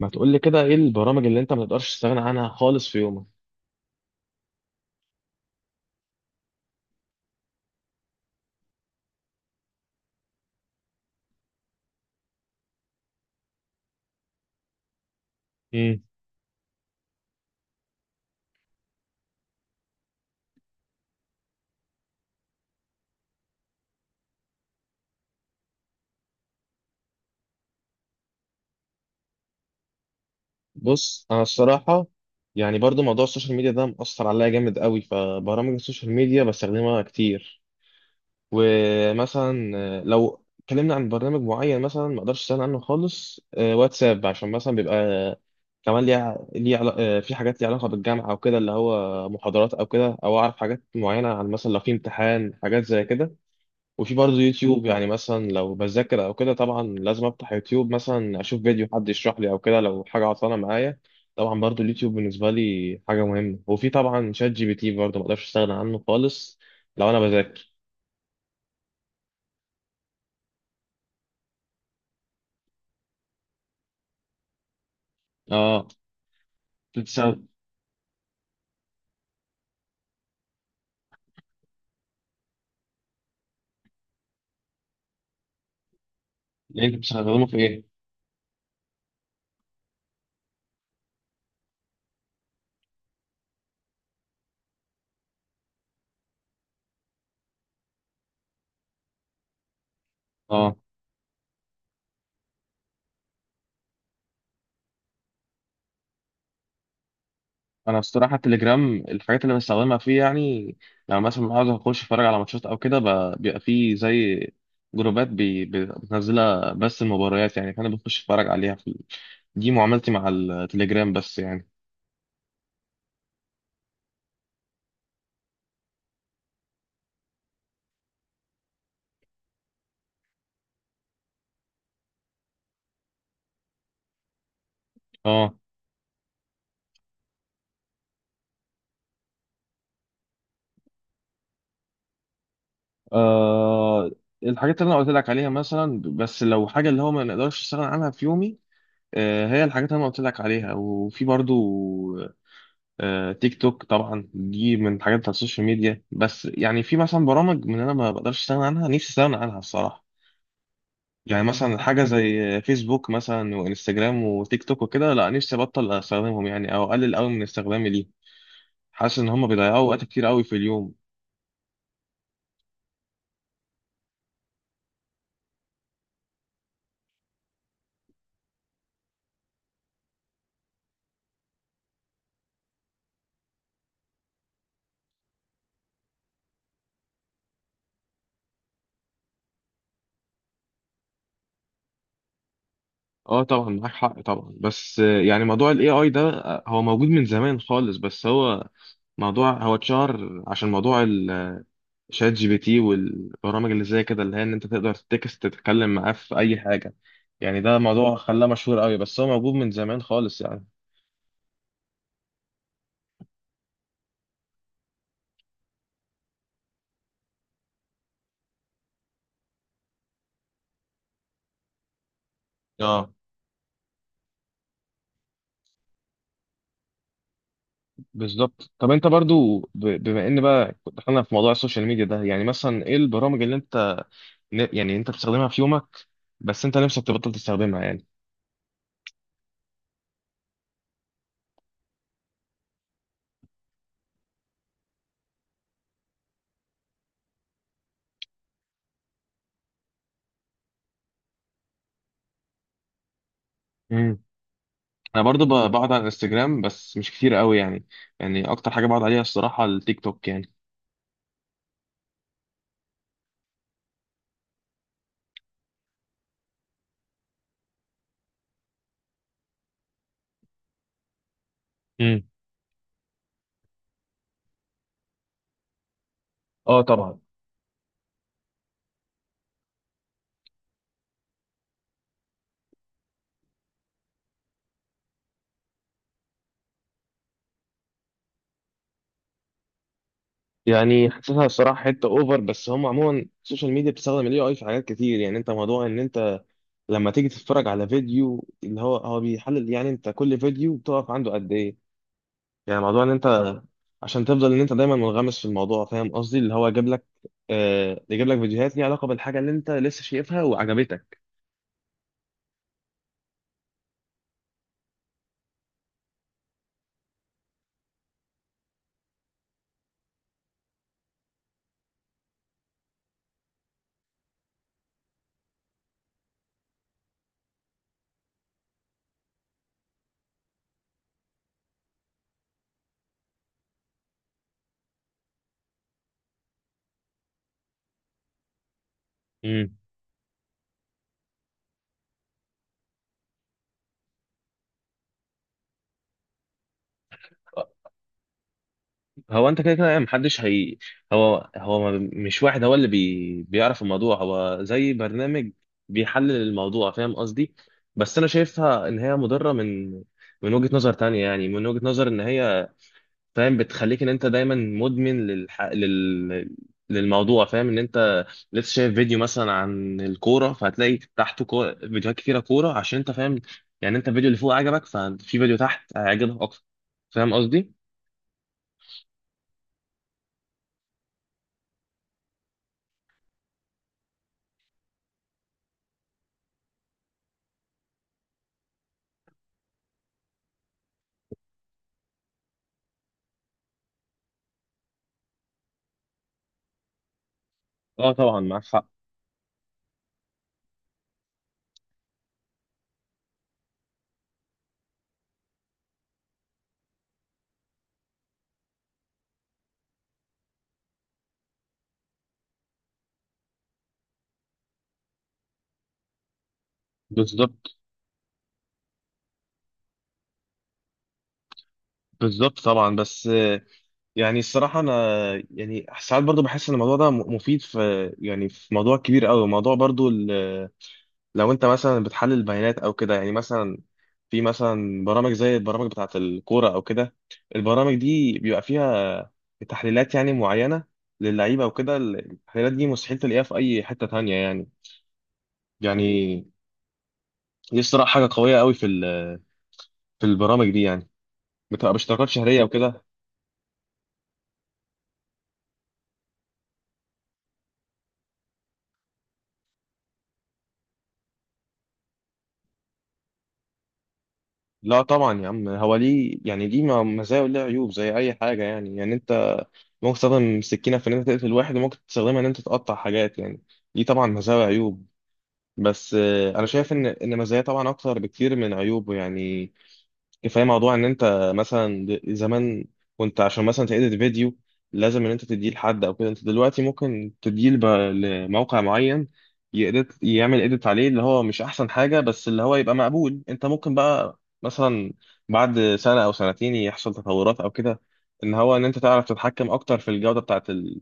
ما تقول لي كده ايه البرامج اللي انت ما تقدرش تستغنى عنها خالص في يومك؟ امم. بص، انا الصراحه يعني برضو موضوع السوشيال ميديا ده مأثر عليا جامد قوي، فبرامج السوشيال ميديا بستخدمها كتير. ومثلا لو اتكلمنا عن برنامج معين مثلا ما اقدرش استغنى عنه خالص، واتساب، عشان مثلا بيبقى كمان ليه في حاجات ليها علاقه بالجامعه او كده، اللي هو محاضرات او كده، او اعرف حاجات معينه عن مثلا لو في امتحان حاجات زي كده. وفي برضه يوتيوب، يعني مثلا لو بذاكر او كده طبعا لازم افتح يوتيوب مثلا اشوف فيديو حد يشرح لي او كده لو حاجه عطلانه معايا. طبعا برضه اليوتيوب بالنسبه لي حاجه مهمه، وفي طبعا شات جي بي تي برضه ما اقدرش استغنى عنه خالص لو انا بذاكر. اه. بتستخدم، انت بتستخدمه في ايه؟ اه، انا الصراحه التليجرام الحاجات اللي بستخدمها فيه يعني لما مثلا عاوز اخش اتفرج على ماتشات او كده، بيبقى فيه زي جروبات بتنزلها بس المباريات يعني، فانا بخش اتفرج عليها في. دي معاملتي مع التليجرام بس يعني. اه، آه، الحاجات اللي انا قلت لك عليها مثلا، بس لو حاجه اللي هو ما نقدرش نستغنى عنها في يومي هي الحاجات اللي انا قلت لك عليها، وفي برضو تيك توك، طبعا دي من الحاجات بتاعت السوشيال ميديا، بس يعني في مثلا برامج من انا ما بقدرش استغنى عنها نفسي استغنى عنها الصراحه. يعني مثلا حاجه زي فيسبوك مثلا وانستجرام وتيك توك وكده، لا نفسي ابطل استخدمهم يعني، او اقلل قوي من استخدامي ليه. حاسس ان هم بيضيعوا وقت كتير قوي في اليوم. اه طبعا معاك حق طبعا، بس يعني موضوع الاي اي ده هو موجود من زمان خالص، بس هو موضوع هو اتشهر عشان موضوع شات جي بي تي والبرامج اللي زي كده، اللي هي ان انت تقدر تكست تتكلم معاه في اي حاجه. يعني ده موضوع خلاه مشهور قوي، بس هو موجود من زمان خالص يعني. اه، بالظبط. طب انت برضو بما ان بقى دخلنا في موضوع السوشيال ميديا ده، يعني مثلا ايه البرامج اللي انت يعني انت بتستخدمها في يومك بس انت نفسك تبطل تستخدمها يعني؟ امم. انا برضو بقعد على الانستجرام بس مش كتير قوي يعني اكتر حاجه بقعد عليها الصراحه التيك توك يعني. امم. اه طبعا. يعني حاسسها الصراحه حته اوفر، بس هم عموما السوشيال ميديا بتستخدم الاي اي في حاجات كتير، يعني انت موضوع ان انت لما تيجي تتفرج على فيديو اللي هو بيحلل، يعني انت كل فيديو بتقف عنده قد ايه، يعني موضوع ان انت عشان تفضل ان انت دايما منغمس في الموضوع، فاهم قصدي، اللي هو جاب لك، يجيب لك فيديوهات ليها علاقه بالحاجه اللي انت لسه شايفها وعجبتك. امم. هو انت كده كده يعني محدش هي، هو مش واحد هو اللي بيعرف الموضوع، هو زي برنامج بيحلل الموضوع، فاهم قصدي. بس انا شايفها ان هي مضرة من وجهة نظر تانية، يعني من وجهة نظر ان هي فاهم بتخليك ان انت دايما مدمن للموضوع، فاهم ان انت لسه شايف فيديو مثلا عن الكورة، فهتلاقي تحته فيديوهات كتيرة كورة عشان انت فاهم، يعني انت الفيديو اللي فوق عجبك، ففي فيديو تحت هيعجبك اكتر، فاهم قصدي؟ اه طبعا معاك حق. بالظبط. بالظبط طبعا، بس يعني الصراحه انا يعني ساعات برضو بحس ان الموضوع ده مفيد في، يعني في موضوع كبير قوي، موضوع برضو لو انت مثلا بتحلل بيانات او كده، يعني مثلا في مثلا برامج زي البرامج بتاعه الكوره او كده، البرامج دي بيبقى فيها تحليلات يعني معينه للعيبه وكده، التحليلات دي مستحيل تلاقيها في اي حته تانية يعني دي الصراحه حاجه قويه قوي في في البرامج دي يعني، بتبقى باشتراكات شهريه وكده. لا طبعا يا عم، هو ليه يعني ليه مزايا وليه عيوب زي اي حاجه يعني انت ممكن تستخدم سكينه في ان انت تقتل واحد، وممكن تستخدمها ان انت تقطع حاجات يعني. ليه طبعا مزايا وعيوب، بس انا شايف ان مزايا طبعا اكتر بكتير من عيوبه يعني. كفايه موضوع ان انت مثلا، زمان كنت عشان مثلا تedit فيديو لازم ان انت تديه لحد او كده، انت دلوقتي ممكن تديه لموقع معين يedit، يعمل edit عليه اللي هو مش احسن حاجه بس اللي هو يبقى مقبول، انت ممكن بقى مثلا بعد سنه او سنتين يحصل تطورات او كده ان هو ان انت تعرف تتحكم اكتر في الجوده بتاعه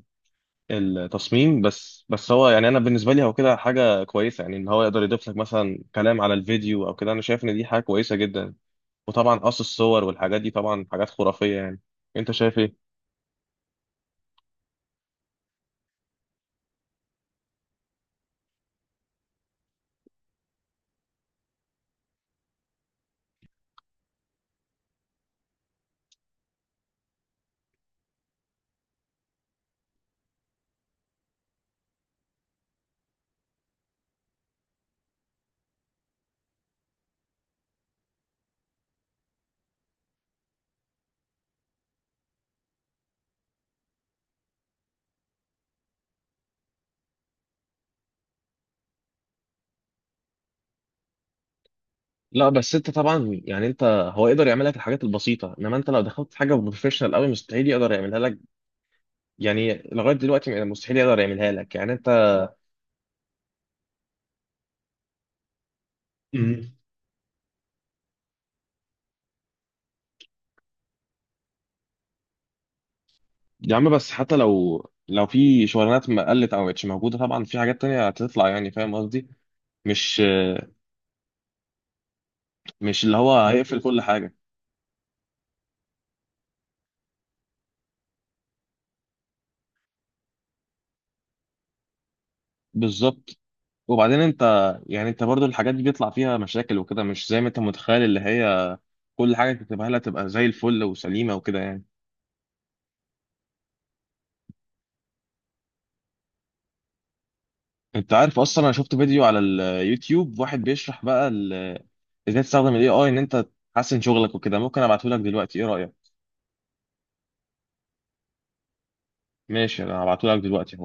التصميم، بس هو يعني انا بالنسبه لي هو كده حاجه كويسه يعني ان هو يقدر يضيف لك مثلا كلام على الفيديو او كده، انا شايف ان دي حاجه كويسه جدا. وطبعا قص الصور والحاجات دي طبعا حاجات خرافية يعني. انت شايف ايه؟ لا بس انت طبعا يعني انت، هو يقدر يعمل لك الحاجات البسيطه، انما انت لو دخلت حاجه بروفيشنال قوي مستحيل يقدر يعملها لك، يعني لغايه دلوقتي مستحيل يقدر يعملها لك يعني انت. مم. يا عم بس حتى لو في شغلانات ما قلت او مش موجوده، طبعا في حاجات تانية هتطلع يعني، فاهم قصدي، مش مش اللي هو هيقفل كل حاجه. بالظبط، وبعدين انت، يعني انت برضو الحاجات دي بيطلع فيها مشاكل وكده، مش زي ما انت متخيل اللي هي كل حاجه تكتبها لها تبقى زي الفل وسليمه وكده يعني. انت عارف اصلا انا شفت فيديو على اليوتيوب واحد بيشرح بقى ازاي تستخدم الاي اي ان انت تحسن شغلك وكده، ممكن ابعته لك دلوقتي، ايه رايك؟ ماشي، انا هبعته لك دلوقتي.